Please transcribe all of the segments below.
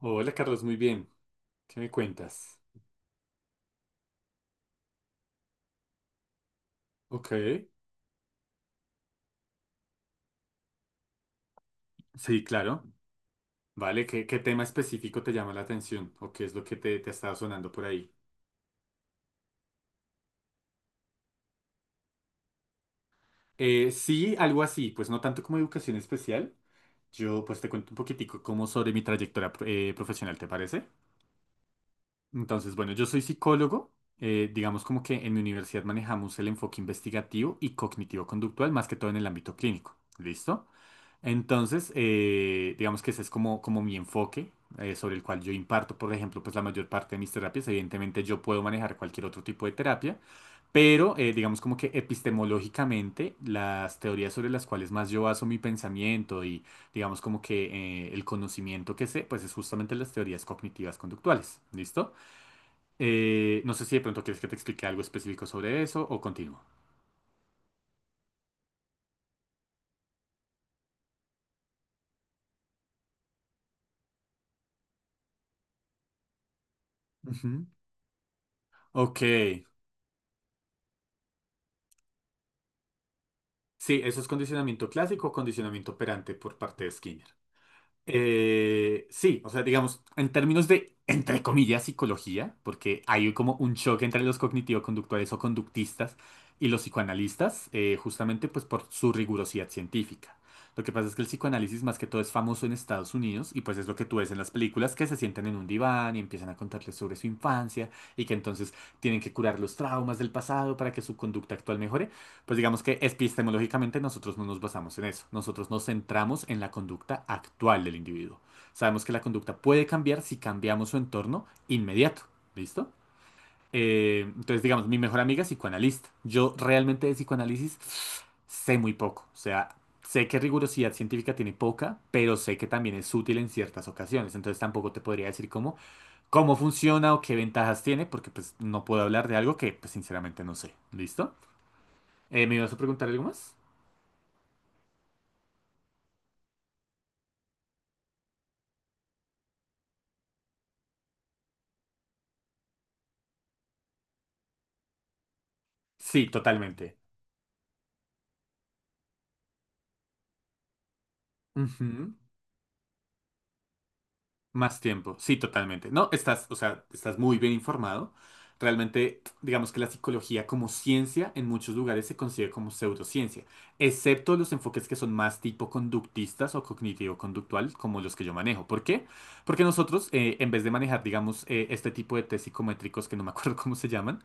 Hola Carlos, muy bien. ¿Qué me cuentas? Ok, sí, claro. Vale, ¿qué tema específico te llama la atención o qué es lo que te estaba sonando por ahí? Sí, algo así, pues no tanto como educación especial. Yo pues te cuento un poquitico como sobre mi trayectoria profesional, ¿te parece? Entonces, bueno, yo soy psicólogo. Digamos como que en mi universidad manejamos el enfoque investigativo y cognitivo-conductual, más que todo en el ámbito clínico. ¿Listo? Entonces, digamos que ese es como, como mi enfoque sobre el cual yo imparto, por ejemplo, pues la mayor parte de mis terapias. Evidentemente yo puedo manejar cualquier otro tipo de terapia, pero digamos como que epistemológicamente las teorías sobre las cuales más yo baso mi pensamiento y digamos como que el conocimiento que sé, pues es justamente las teorías cognitivas conductuales. ¿Listo? No sé si de pronto quieres que te explique algo específico sobre eso o continúo. Ujú. Ok, sí, eso es condicionamiento clásico o condicionamiento operante por parte de Skinner. Sí, o sea, digamos, en términos de, entre comillas, psicología, porque hay como un choque entre los cognitivo-conductuales o conductistas y los psicoanalistas, justamente pues por su rigurosidad científica. Lo que pasa es que el psicoanálisis más que todo es famoso en Estados Unidos y pues es lo que tú ves en las películas que se sientan en un diván y empiezan a contarles sobre su infancia y que entonces tienen que curar los traumas del pasado para que su conducta actual mejore. Pues digamos que epistemológicamente nosotros no nos basamos en eso. Nosotros nos centramos en la conducta actual del individuo. Sabemos que la conducta puede cambiar si cambiamos su entorno inmediato. ¿Listo? Entonces, digamos, mi mejor amiga es psicoanalista. Yo realmente de psicoanálisis sé muy poco. O sea, sé que rigurosidad científica tiene poca, pero sé que también es útil en ciertas ocasiones. Entonces tampoco te podría decir cómo, cómo funciona o qué ventajas tiene, porque pues no puedo hablar de algo que pues sinceramente no sé. ¿Listo? ¿Me ibas a preguntar algo más? Sí, totalmente. Ujú. Más tiempo, sí, totalmente. No, estás, o sea, estás muy bien informado. Realmente, digamos que la psicología como ciencia en muchos lugares se considera como pseudociencia, excepto los enfoques que son más tipo conductistas o cognitivo-conductual, como los que yo manejo. ¿Por qué? Porque nosotros, en vez de manejar, digamos, este tipo de test psicométricos que no me acuerdo cómo se llaman,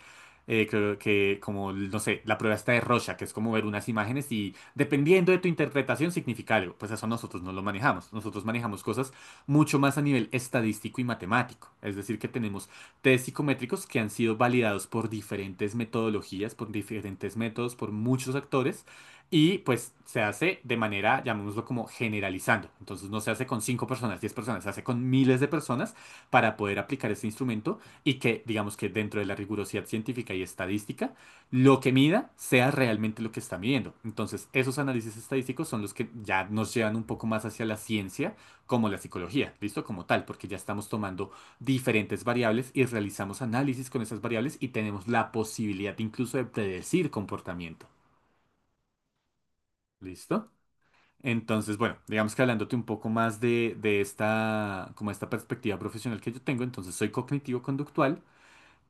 creo que como, no sé, la prueba está de Rorschach, que es como ver unas imágenes y dependiendo de tu interpretación significa algo. Pues eso nosotros no lo manejamos. Nosotros manejamos cosas mucho más a nivel estadístico y matemático. Es decir, que tenemos test psicométricos que han sido validados por diferentes metodologías, por diferentes métodos, por muchos actores, y pues se hace de manera, llamémoslo como generalizando. Entonces no se hace con 5 personas, 10 personas, se hace con miles de personas para poder aplicar este instrumento y que, digamos que dentro de la rigurosidad científica y estadística, lo que mida sea realmente lo que está midiendo. Entonces, esos análisis estadísticos son los que ya nos llevan un poco más hacia la ciencia como la psicología, ¿listo? Como tal, porque ya estamos tomando diferentes variables y realizamos análisis con esas variables y tenemos la posibilidad incluso de predecir comportamiento, ¿listo? Entonces, bueno, digamos que hablándote un poco más de esta, como esta perspectiva profesional que yo tengo, entonces soy cognitivo-conductual,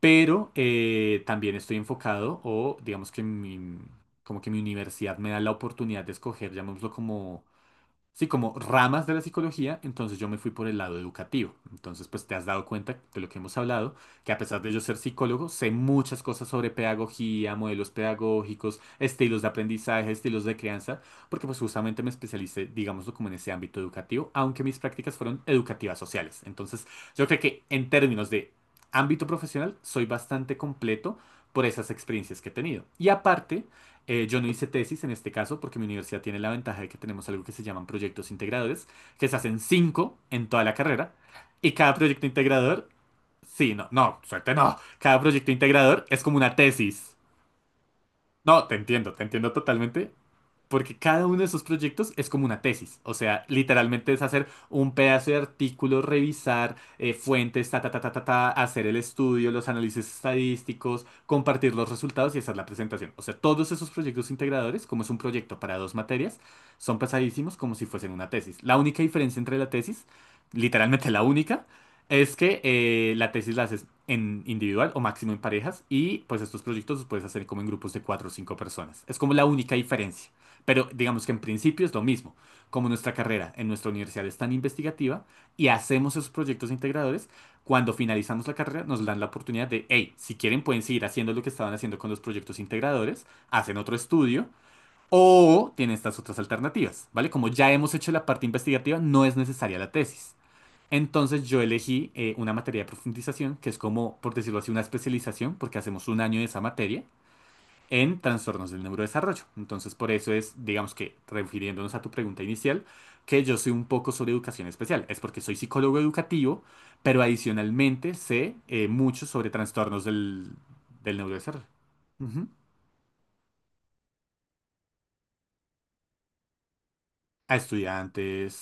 pero también estoy enfocado o digamos que mi, como que mi universidad me da la oportunidad de escoger, llamémoslo como sí, como ramas de la psicología, entonces yo me fui por el lado educativo. Entonces, pues te has dado cuenta de lo que hemos hablado, que a pesar de yo ser psicólogo, sé muchas cosas sobre pedagogía, modelos pedagógicos, estilos de aprendizaje, estilos de crianza, porque pues justamente me especialicé, digámoslo, como en ese ámbito educativo, aunque mis prácticas fueron educativas sociales. Entonces, yo creo que en términos de ámbito profesional, soy bastante completo por esas experiencias que he tenido. Y aparte, yo no hice tesis en este caso porque mi universidad tiene la ventaja de que tenemos algo que se llaman proyectos integradores, que se hacen cinco en toda la carrera y cada proyecto integrador, sí, no, no, suerte no, cada proyecto integrador es como una tesis. No, te entiendo totalmente, porque cada uno de esos proyectos es como una tesis, o sea, literalmente es hacer un pedazo de artículo, revisar fuentes, ta, ta, ta, ta, ta, ta, hacer el estudio, los análisis estadísticos, compartir los resultados y hacer la presentación. O sea, todos esos proyectos integradores, como es un proyecto para dos materias, son pesadísimos como si fuesen una tesis. La única diferencia entre la tesis, literalmente la única, es que la tesis la haces en individual o máximo en parejas y pues estos proyectos los puedes hacer como en grupos de cuatro o cinco personas. Es como la única diferencia. Pero digamos que en principio es lo mismo. Como nuestra carrera en nuestra universidad es tan investigativa y hacemos esos proyectos integradores, cuando finalizamos la carrera nos dan la oportunidad de, hey, si quieren pueden seguir haciendo lo que estaban haciendo con los proyectos integradores, hacen otro estudio o tiene estas otras alternativas, ¿vale? Como ya hemos hecho la parte investigativa, no es necesaria la tesis. Entonces yo elegí una materia de profundización, que es como, por decirlo así, una especialización, porque hacemos un año de esa materia en trastornos del neurodesarrollo. Entonces por eso es, digamos que, refiriéndonos a tu pregunta inicial, que yo soy un poco sobre educación especial. Es porque soy psicólogo educativo, pero adicionalmente sé mucho sobre trastornos del neurodesarrollo. Ujú. A estudiantes.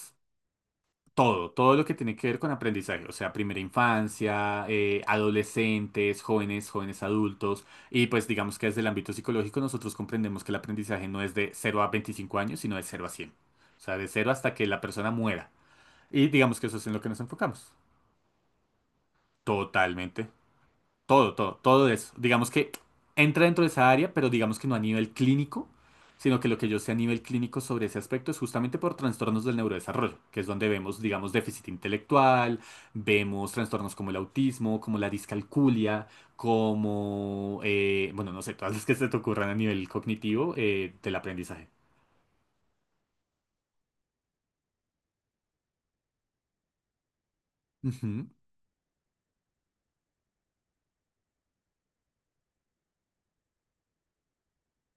Todo, todo lo que tiene que ver con aprendizaje, o sea, primera infancia, adolescentes, jóvenes, jóvenes adultos, y pues digamos que desde el ámbito psicológico nosotros comprendemos que el aprendizaje no es de cero a 25 años, sino de cero a 100, o sea, de cero hasta que la persona muera, y digamos que eso es en lo que nos enfocamos. Totalmente. Todo, todo, todo eso. Digamos que entra dentro de esa área, pero digamos que no a nivel clínico, sino que lo que yo sé a nivel clínico sobre ese aspecto es justamente por trastornos del neurodesarrollo, que es donde vemos, digamos, déficit intelectual, vemos trastornos como el autismo, como la discalculia, como, bueno, no sé, todas las que se te ocurran a nivel cognitivo del aprendizaje. Ujú.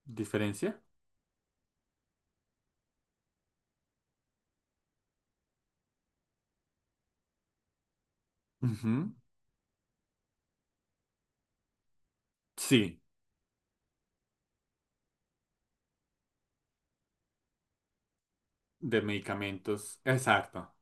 ¿Diferencia? Ujú. Sí, de medicamentos. Exacto.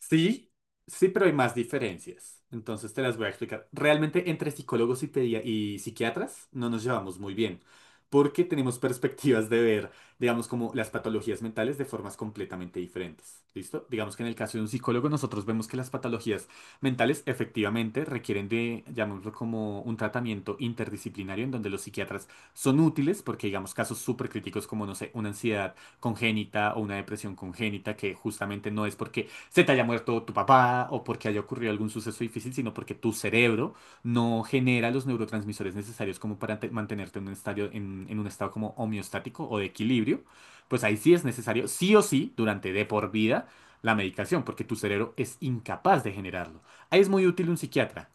Sí, sí, pero hay más diferencias. Entonces te las voy a explicar. Realmente entre psicólogos y, y psiquiatras no nos llevamos muy bien, porque tenemos perspectivas de ver, digamos, como las patologías mentales de formas completamente diferentes. ¿Listo? Digamos que en el caso de un psicólogo nosotros vemos que las patologías mentales efectivamente requieren de, llamémoslo como un tratamiento interdisciplinario en donde los psiquiatras son útiles porque, digamos, casos súper críticos como, no sé, una ansiedad congénita o una depresión congénita que justamente no es porque se te haya muerto tu papá o porque haya ocurrido algún suceso difícil, sino porque tu cerebro no genera los neurotransmisores necesarios como para mantenerte en un estado, en un estado como homeostático o de equilibrio, pues ahí sí es necesario, sí o sí, durante de por vida, la medicación, porque tu cerebro es incapaz de generarlo. Ahí es muy útil un psiquiatra.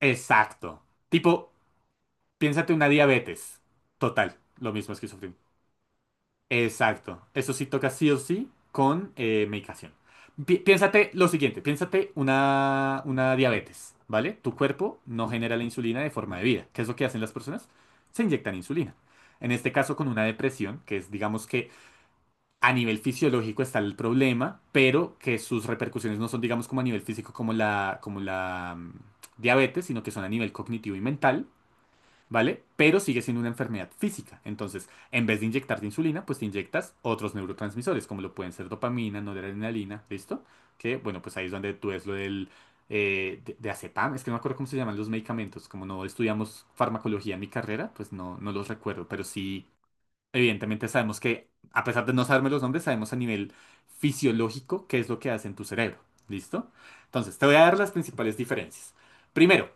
Exacto. Tipo, piénsate una diabetes. Total, lo mismo es que sufrimos. Exacto. Eso sí toca sí o sí con medicación. Piénsate lo siguiente, piénsate una diabetes, ¿vale? Tu cuerpo no genera la insulina de forma debida. ¿Qué es lo que hacen las personas? Se inyectan insulina. En este caso con una depresión, que es digamos que a nivel fisiológico está el problema, pero que sus repercusiones no son digamos como a nivel físico como la diabetes, sino que son a nivel cognitivo y mental. ¿Vale? Pero sigue siendo una enfermedad física. Entonces, en vez de inyectarte insulina, pues te inyectas otros neurotransmisores, como lo pueden ser dopamina, noradrenalina, ¿listo? Que, bueno, pues ahí es donde tú ves lo del... de acetam, es que no me acuerdo cómo se llaman los medicamentos, como no estudiamos farmacología en mi carrera, pues no, no los recuerdo, pero sí, evidentemente sabemos que, a pesar de no saberme los nombres, sabemos a nivel fisiológico qué es lo que hace en tu cerebro, ¿listo? Entonces, te voy a dar las principales diferencias. Primero,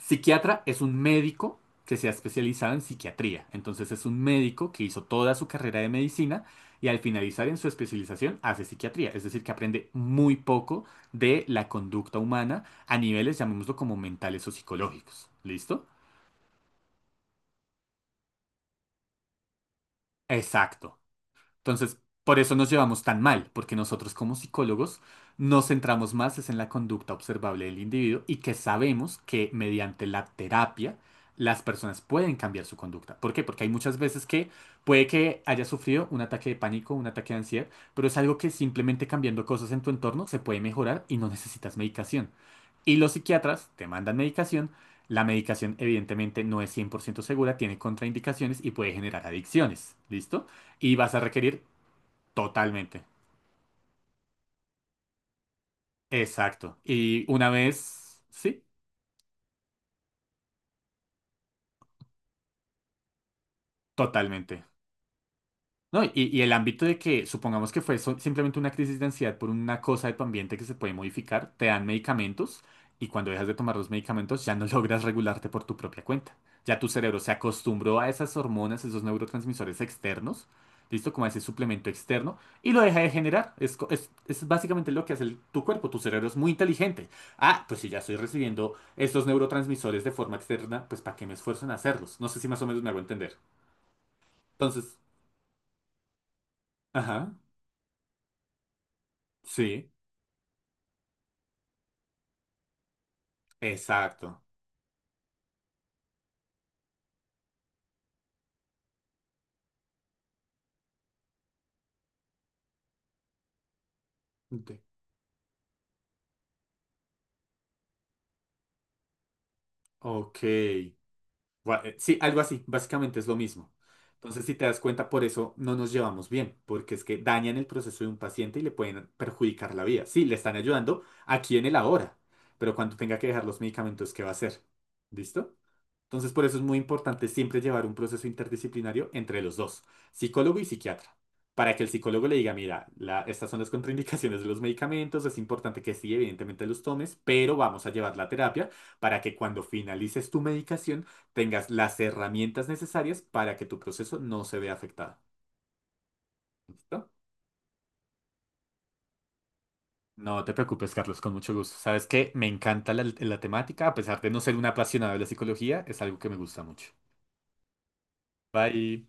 psiquiatra es un médico que se ha especializado en psiquiatría. Entonces es un médico que hizo toda su carrera de medicina y al finalizar en su especialización hace psiquiatría. Es decir, que aprende muy poco de la conducta humana a niveles, llamémoslo como mentales o psicológicos. ¿Listo? Exacto. Entonces, por eso nos llevamos tan mal, porque nosotros como psicólogos nos centramos más es en la conducta observable del individuo y que sabemos que mediante la terapia las personas pueden cambiar su conducta. ¿Por qué? Porque hay muchas veces que puede que haya sufrido un ataque de pánico, un ataque de ansiedad, pero es algo que simplemente cambiando cosas en tu entorno se puede mejorar y no necesitas medicación. Y los psiquiatras te mandan medicación. La medicación evidentemente no es 100% segura, tiene contraindicaciones y puede generar adicciones. ¿Listo? Y vas a requerir totalmente. Exacto. Y una vez, sí, totalmente. No, y el ámbito de que supongamos que fue simplemente una crisis de ansiedad por una cosa de tu ambiente que se puede modificar, te dan medicamentos y cuando dejas de tomar los medicamentos ya no logras regularte por tu propia cuenta. Ya tu cerebro se acostumbró a esas hormonas, esos neurotransmisores externos, listo, como a ese suplemento externo, y lo deja de generar. Es básicamente lo que hace tu cuerpo, tu cerebro es muy inteligente. Ah, pues si ya estoy recibiendo estos neurotransmisores de forma externa, pues ¿para qué me esfuerzo en hacerlos? No sé si más o menos me hago entender. Entonces, ajá, sí. Exacto. De- Ok. Sí, algo así, básicamente es lo mismo. Entonces, si te das cuenta, por eso no nos llevamos bien, porque es que dañan el proceso de un paciente y le pueden perjudicar la vida. Sí, le están ayudando aquí en el ahora, pero cuando tenga que dejar los medicamentos, ¿qué va a hacer? ¿Listo? Entonces, por eso es muy importante siempre llevar un proceso interdisciplinario entre los dos, psicólogo y psiquiatra, para que el psicólogo le diga, mira, estas son las contraindicaciones de los medicamentos, es importante que sí, evidentemente los tomes, pero vamos a llevar la terapia para que cuando finalices tu medicación tengas las herramientas necesarias para que tu proceso no se vea afectado. ¿Listo? No te preocupes, Carlos, con mucho gusto. Sabes que me encanta la temática, a pesar de no ser un apasionado de la psicología, es algo que me gusta mucho. Bye.